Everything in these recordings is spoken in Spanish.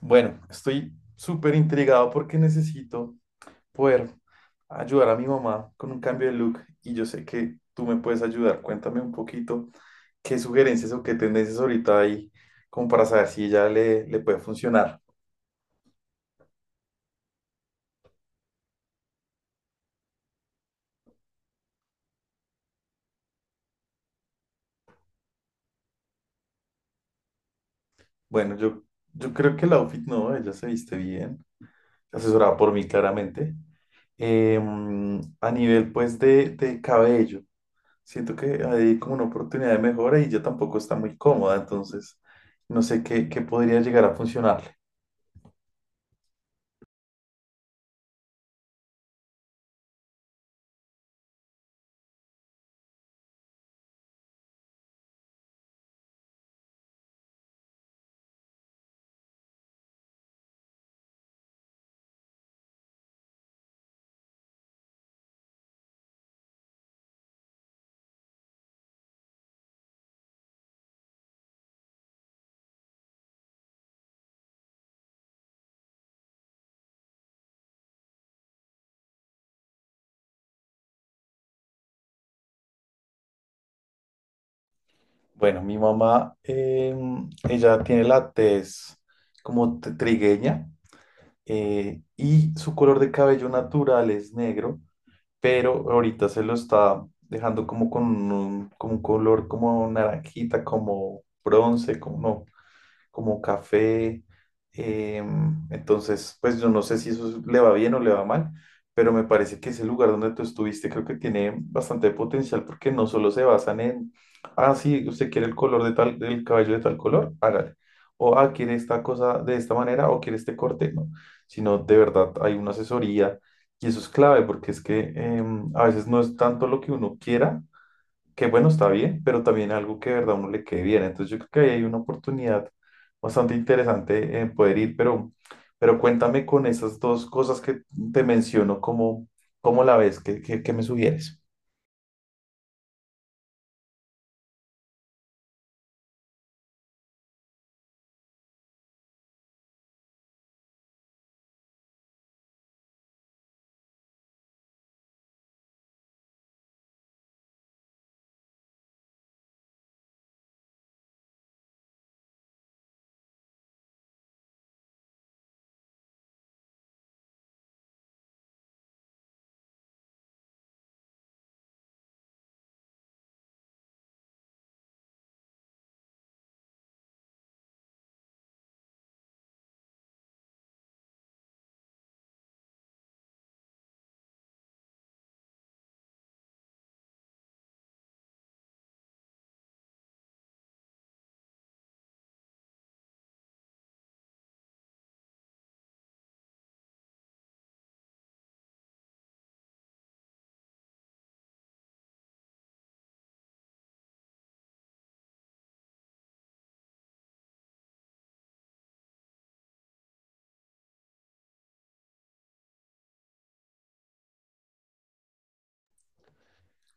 Bueno, estoy súper intrigado porque necesito poder ayudar a mi mamá con un cambio de look y yo sé que tú me puedes ayudar. Cuéntame un poquito qué sugerencias o qué tendencias ahorita hay como para saber si ella le puede funcionar. Bueno, yo creo que el outfit no, ella se viste bien, asesorada por mí claramente. A nivel pues de cabello. Siento que hay como una oportunidad de mejora y yo tampoco está muy cómoda, entonces no sé qué podría llegar a funcionarle. Bueno, mi mamá, ella tiene la tez como trigueña, y su color de cabello natural es negro, pero ahorita se lo está dejando como con un, como un color como naranjita, como bronce, como no, como café. Entonces, pues yo no sé si eso le va bien o le va mal, pero me parece que ese lugar donde tú estuviste creo que tiene bastante potencial porque no solo se basan en, ah, sí, usted quiere el color de tal, el cabello de tal color, hágale. O, ah, quiere esta cosa de esta manera o quiere este corte, no, sino de verdad hay una asesoría y eso es clave porque es que a veces no es tanto lo que uno quiera, que bueno, está bien, pero también algo que de verdad a uno le quede bien. Entonces yo creo que ahí hay una oportunidad bastante interesante en poder ir, pero cuéntame con esas dos cosas que te menciono, ¿cómo la ves? ¿Qué me sugieres?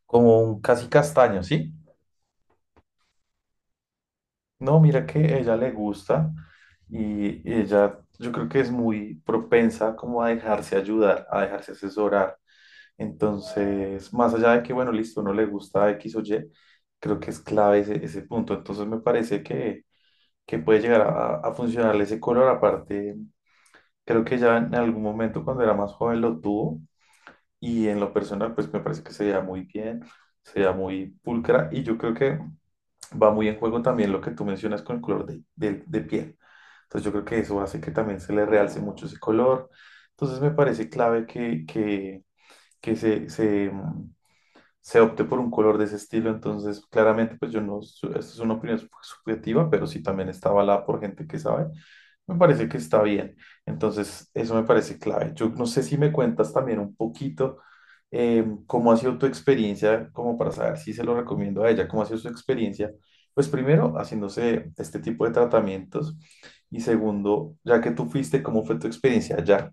Como un casi castaño, ¿sí? No, mira que ella le gusta y ella yo creo que es muy propensa como a dejarse ayudar, a dejarse asesorar. Entonces, más allá de que, bueno, listo, no le gusta X o Y, creo que es clave ese punto. Entonces me parece que puede llegar a funcionarle ese color. Aparte, creo que ya en algún momento cuando era más joven lo tuvo y en lo personal pues me parece que se veía muy bien, se veía muy pulcra y yo creo que va muy en juego también lo que tú mencionas con el color de piel. Entonces yo creo que eso hace que también se le realce mucho ese color. Entonces me parece clave que se opte por un color de ese estilo. Entonces claramente pues yo no, esto es una opinión subjetiva, pero sí también está avalada por gente que sabe. Me parece que está bien. Entonces eso me parece clave. Yo no sé si me cuentas también un poquito, ¿cómo ha sido tu experiencia? Como para saber si se lo recomiendo a ella, ¿cómo ha sido su experiencia? Pues primero, haciéndose este tipo de tratamientos y segundo, ya que tú fuiste, ¿cómo fue tu experiencia allá?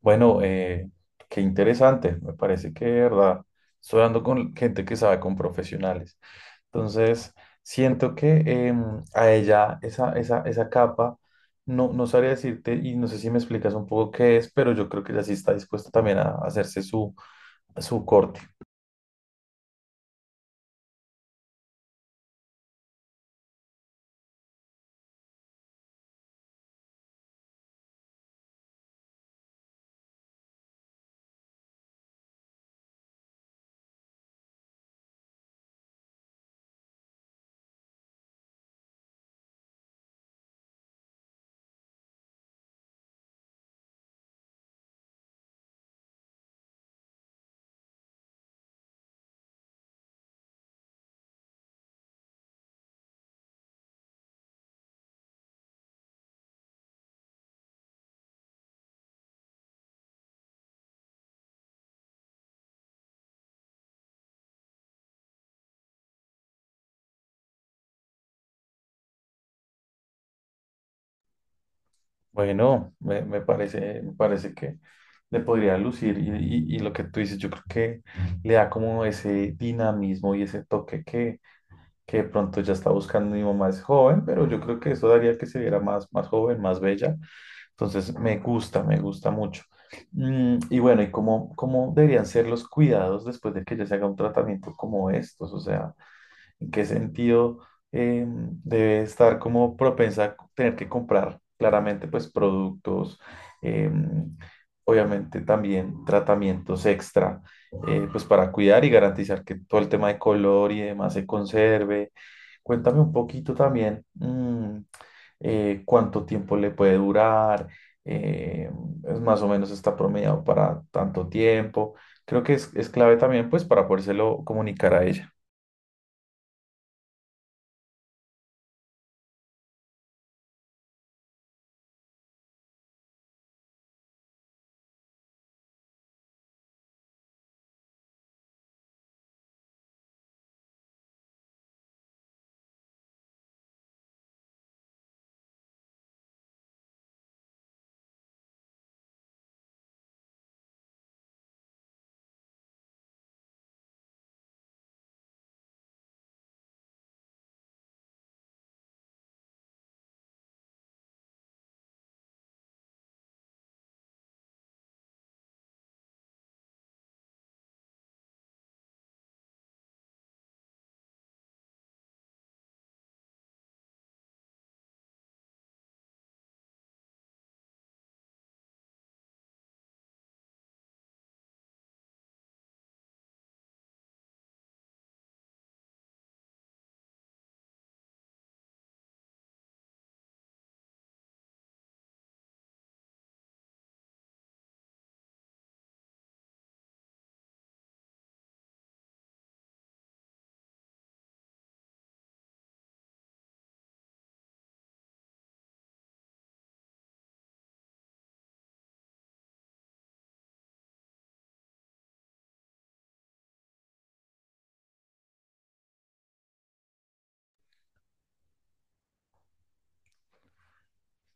Bueno, qué interesante. Me parece que de verdad estoy hablando con gente que sabe, con profesionales. Entonces, siento que em, a ella esa capa, no sabría decirte, y no sé si me explicas un poco qué es, pero yo creo que ella sí está dispuesta también a hacerse su corte. Bueno, me parece, me parece que le podría lucir y, y lo que tú dices, yo creo que le da como ese dinamismo y ese toque que de pronto ya está buscando. Mi mamá es joven, pero yo creo que eso daría que se viera más, más joven, más bella. Entonces, me gusta mucho. Mm, y bueno, ¿cómo deberían ser los cuidados después de que ya se haga un tratamiento como estos? O sea, ¿en qué sentido debe estar como propensa a tener que comprar claramente pues productos, eh, obviamente también tratamientos extra, pues para cuidar y garantizar que todo el tema de color y demás se conserve? Cuéntame un poquito también, cuánto tiempo le puede durar, eh, es más o menos está promediado para tanto tiempo. Creo que es clave también pues para podérselo comunicar a ella.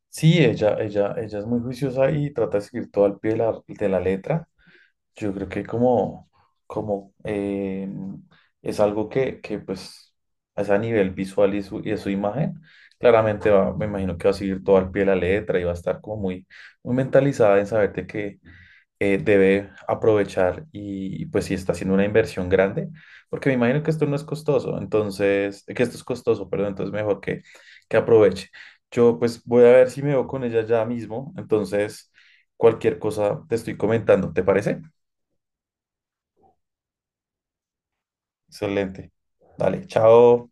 Sí, ella es muy juiciosa y trata de seguir todo al pie de de la letra. Yo creo que como, como es algo que pues es a nivel visual y de su imagen, claramente va, me imagino que va a seguir todo al pie de la letra y va a estar como muy, muy mentalizada en saber de que debe aprovechar y pues si está haciendo una inversión grande, porque me imagino que esto no es costoso, entonces, que esto es costoso, perdón, entonces mejor que aproveche. Yo pues voy a ver si me veo con ella ya mismo, entonces cualquier cosa te estoy comentando, ¿te parece? Excelente. Dale, chao.